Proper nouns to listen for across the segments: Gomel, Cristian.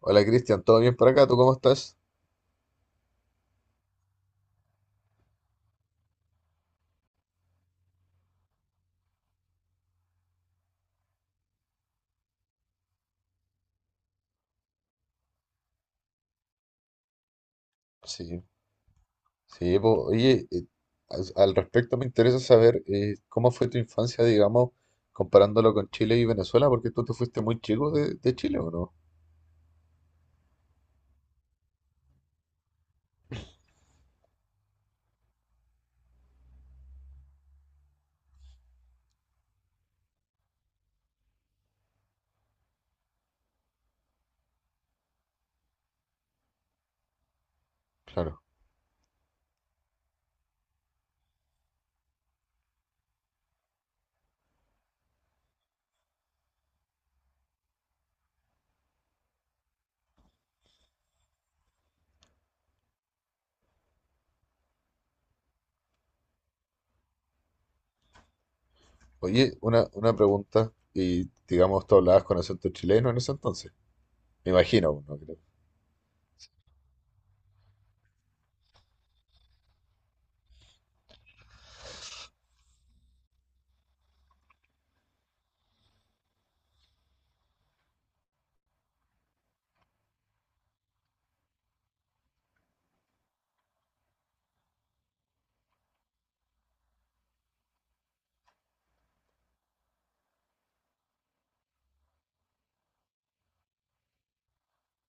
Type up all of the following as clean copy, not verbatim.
Hola Cristian, ¿todo bien por acá? ¿Tú cómo estás? Sí, sí, po. Oye, al respecto me interesa saber cómo fue tu infancia, digamos, comparándolo con Chile y Venezuela, porque tú te fuiste muy chico de Chile, ¿o no? Claro. Oye, una pregunta, y digamos, tú hablabas con acento chileno en ese entonces. Me imagino, no creo.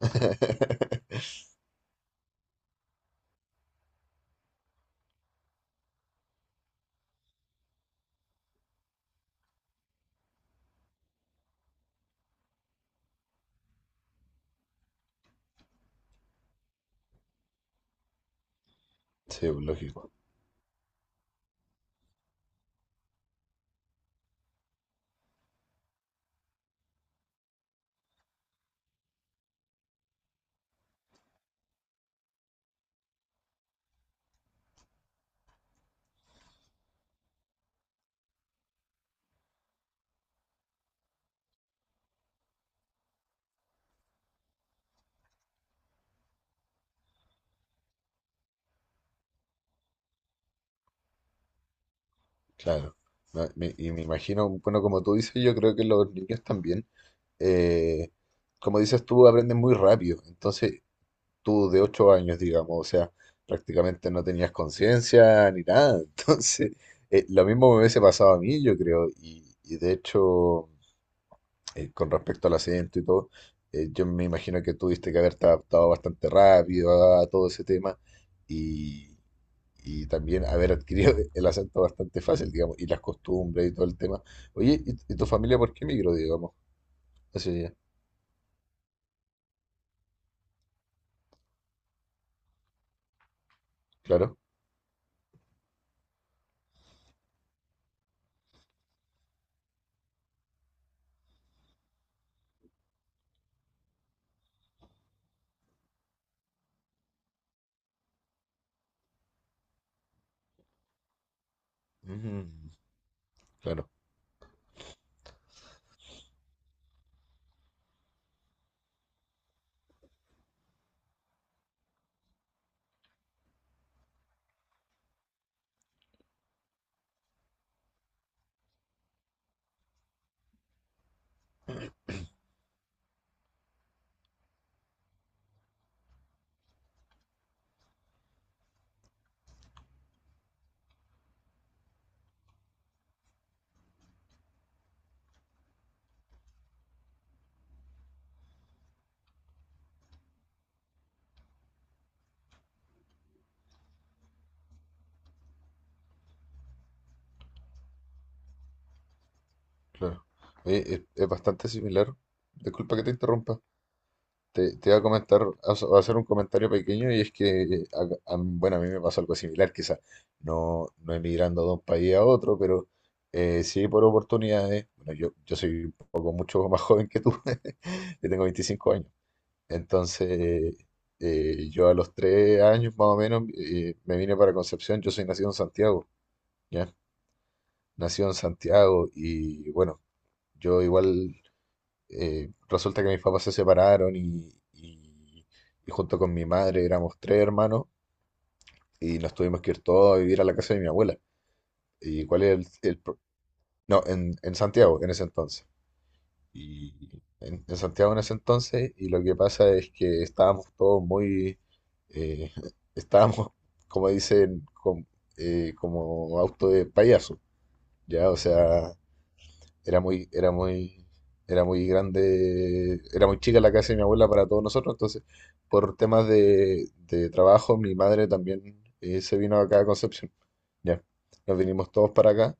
Sí, pues, lógico, claro. No, y me imagino, bueno, como tú dices, yo creo que los niños también, eh, como dices tú, aprenden muy rápido. Entonces, tú de 8 años, digamos, o sea, prácticamente no tenías conciencia ni nada. Entonces, lo mismo me hubiese pasado a mí, yo creo, y de hecho, con respecto al acento y todo, yo me imagino que tuviste que haberte adaptado bastante rápido a todo ese tema y, y también haber adquirido el acento bastante fácil, digamos, y las costumbres y todo el tema. Oye, ¿ y tu familia por qué migró, digamos? Así, claro. Ujú, claro. Claro. Oye, es bastante similar. Disculpa que te interrumpa. Te iba a comentar, a hacer un comentario pequeño y es que, acá- a bueno, a mí me pasó algo similar, quizás no, no emigrando de un país a otro, pero sí por oportunidades. Bueno, yo soy un poco mucho más joven que tú, yo tengo 25 años. Entonces, yo a los 3 años más o menos me vine para Concepción, yo soy nacido en Santiago, ¿ya? Nacido en Santiago y bueno, yo igual resulta que mis papás se separaron y junto con mi madre éramos tres hermanos y nos tuvimos que ir todos a vivir a la casa de mi abuela. ¿Y cuál es el pro- No, en Santiago en ese entonces. Y en Santiago en ese entonces y lo que pasa es que estábamos todos muy... eh, estábamos, como dicen, como auto de payaso, ¿ya? O sea era muy, era muy, era muy grande, era muy chica la casa de mi abuela para todos nosotros, entonces por temas de trabajo mi madre también se vino acá a Concepción. Ya, nos vinimos todos para acá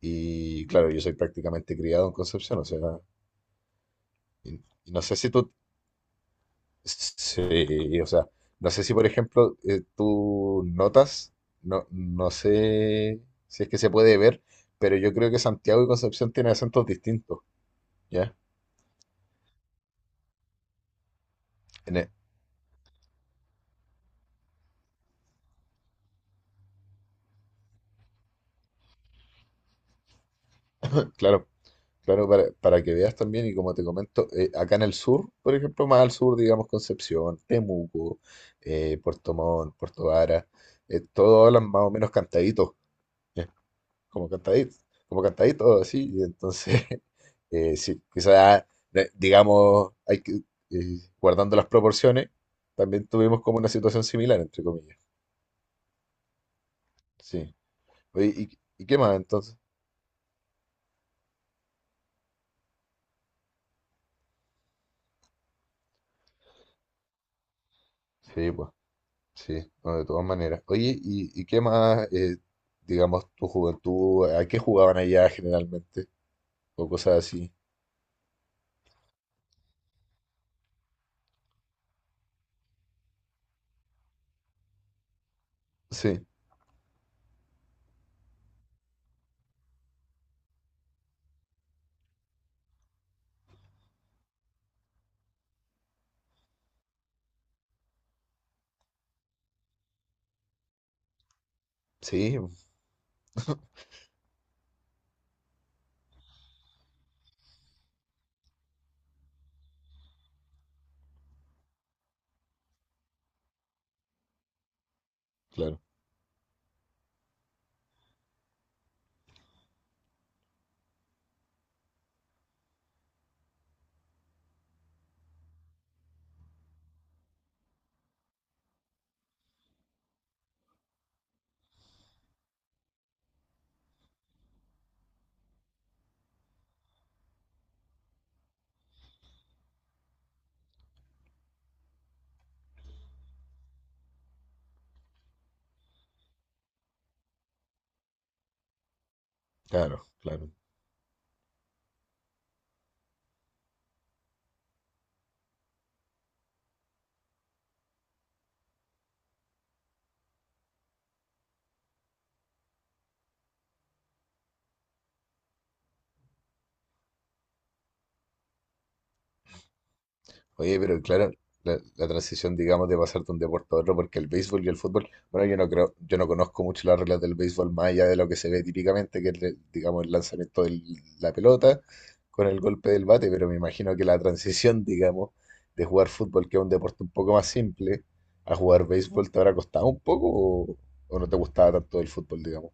y claro, yo soy prácticamente criado en Concepción, o sea, y, y no sé si tú, sí, o sea, no sé si por ejemplo tú notas, no, no sé si es que se puede ver, pero yo creo que Santiago y Concepción tienen acentos distintos, ¿ya? En e- claro. Claro, para que veas también, y como te comento, acá en el sur, por ejemplo, más al sur, digamos Concepción, Temuco, Puerto Montt, Puerto Vara, todos hablan más o menos cantadito, eh, como cantadito, como cantadito, así, y entonces, sí, quizás, digamos, guardando las proporciones, también tuvimos como una situación similar, entre comillas. Sí. Oye, ¿ y qué más entonces? Sí, pues. Sí, no, de todas maneras. Oye, ¿ y qué más, digamos, tu juventud, ¿a qué jugaban allá generalmente? O cosas así. Sí, sí, claro, claro, claro. Oye, pero claro, la transición, digamos, de pasar de un deporte a otro, porque el béisbol y el fútbol, bueno, yo no creo, yo no conozco mucho las reglas del béisbol más allá de lo que se ve típicamente, que es, digamos, el lanzamiento de la pelota con el golpe del bate, pero me imagino que la transición, digamos, de jugar fútbol, que es un deporte un poco más simple, a jugar béisbol te habrá costado un poco o no te gustaba tanto el fútbol, digamos.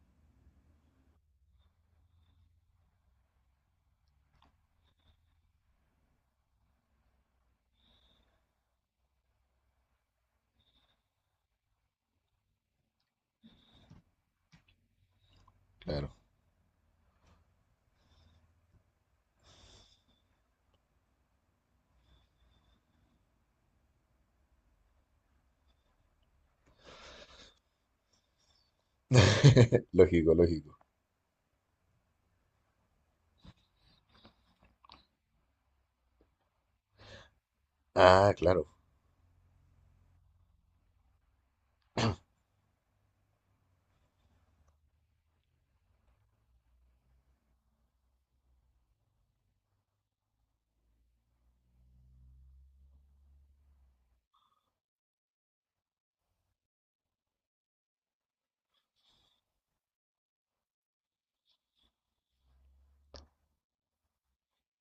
Claro, lógico, lógico. Ah, claro,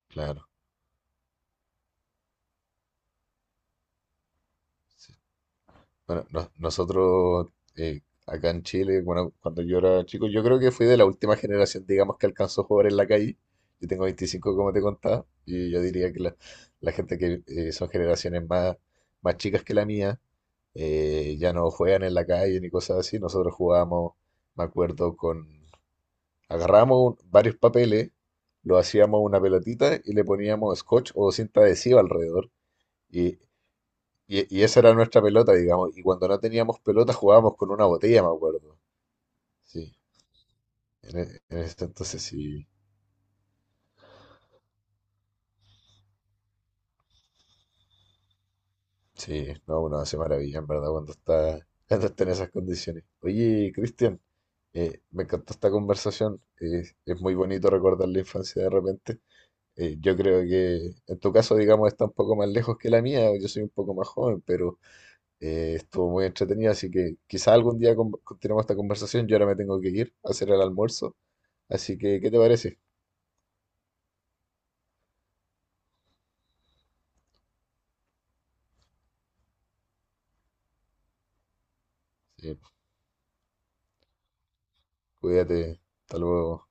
claro. Sí. Bueno, nosotros acá en Chile, bueno, cuando yo era chico, yo creo que fui de la última generación, digamos, que alcanzó a jugar en la calle. Yo tengo 25 como te contaba, y yo diría que la gente que son generaciones más, más chicas que la mía, ya no juegan en la calle ni cosas así. Nosotros jugábamos, me acuerdo, con... Agarramos varios papeles, lo hacíamos una pelotita y le poníamos scotch o cinta adhesiva alrededor. Y y, y esa era nuestra pelota, digamos. Y cuando no teníamos pelota jugábamos con una botella, me acuerdo. Sí, en ese entonces sí, sí, no, uno hace maravilla, en verdad, cuando está en esas condiciones. Oye, Cristian, me encantó esta conversación. Eh, es muy bonito recordar la infancia de repente. Yo creo que en tu caso, digamos, está un poco más lejos que la mía. Yo soy un poco más joven, pero estuvo muy entretenido, así que quizá algún día continuemos esta conversación. Yo ahora me tengo que ir a hacer el almuerzo. Así que, ¿qué te parece? Sí, cuídate. Hasta luego.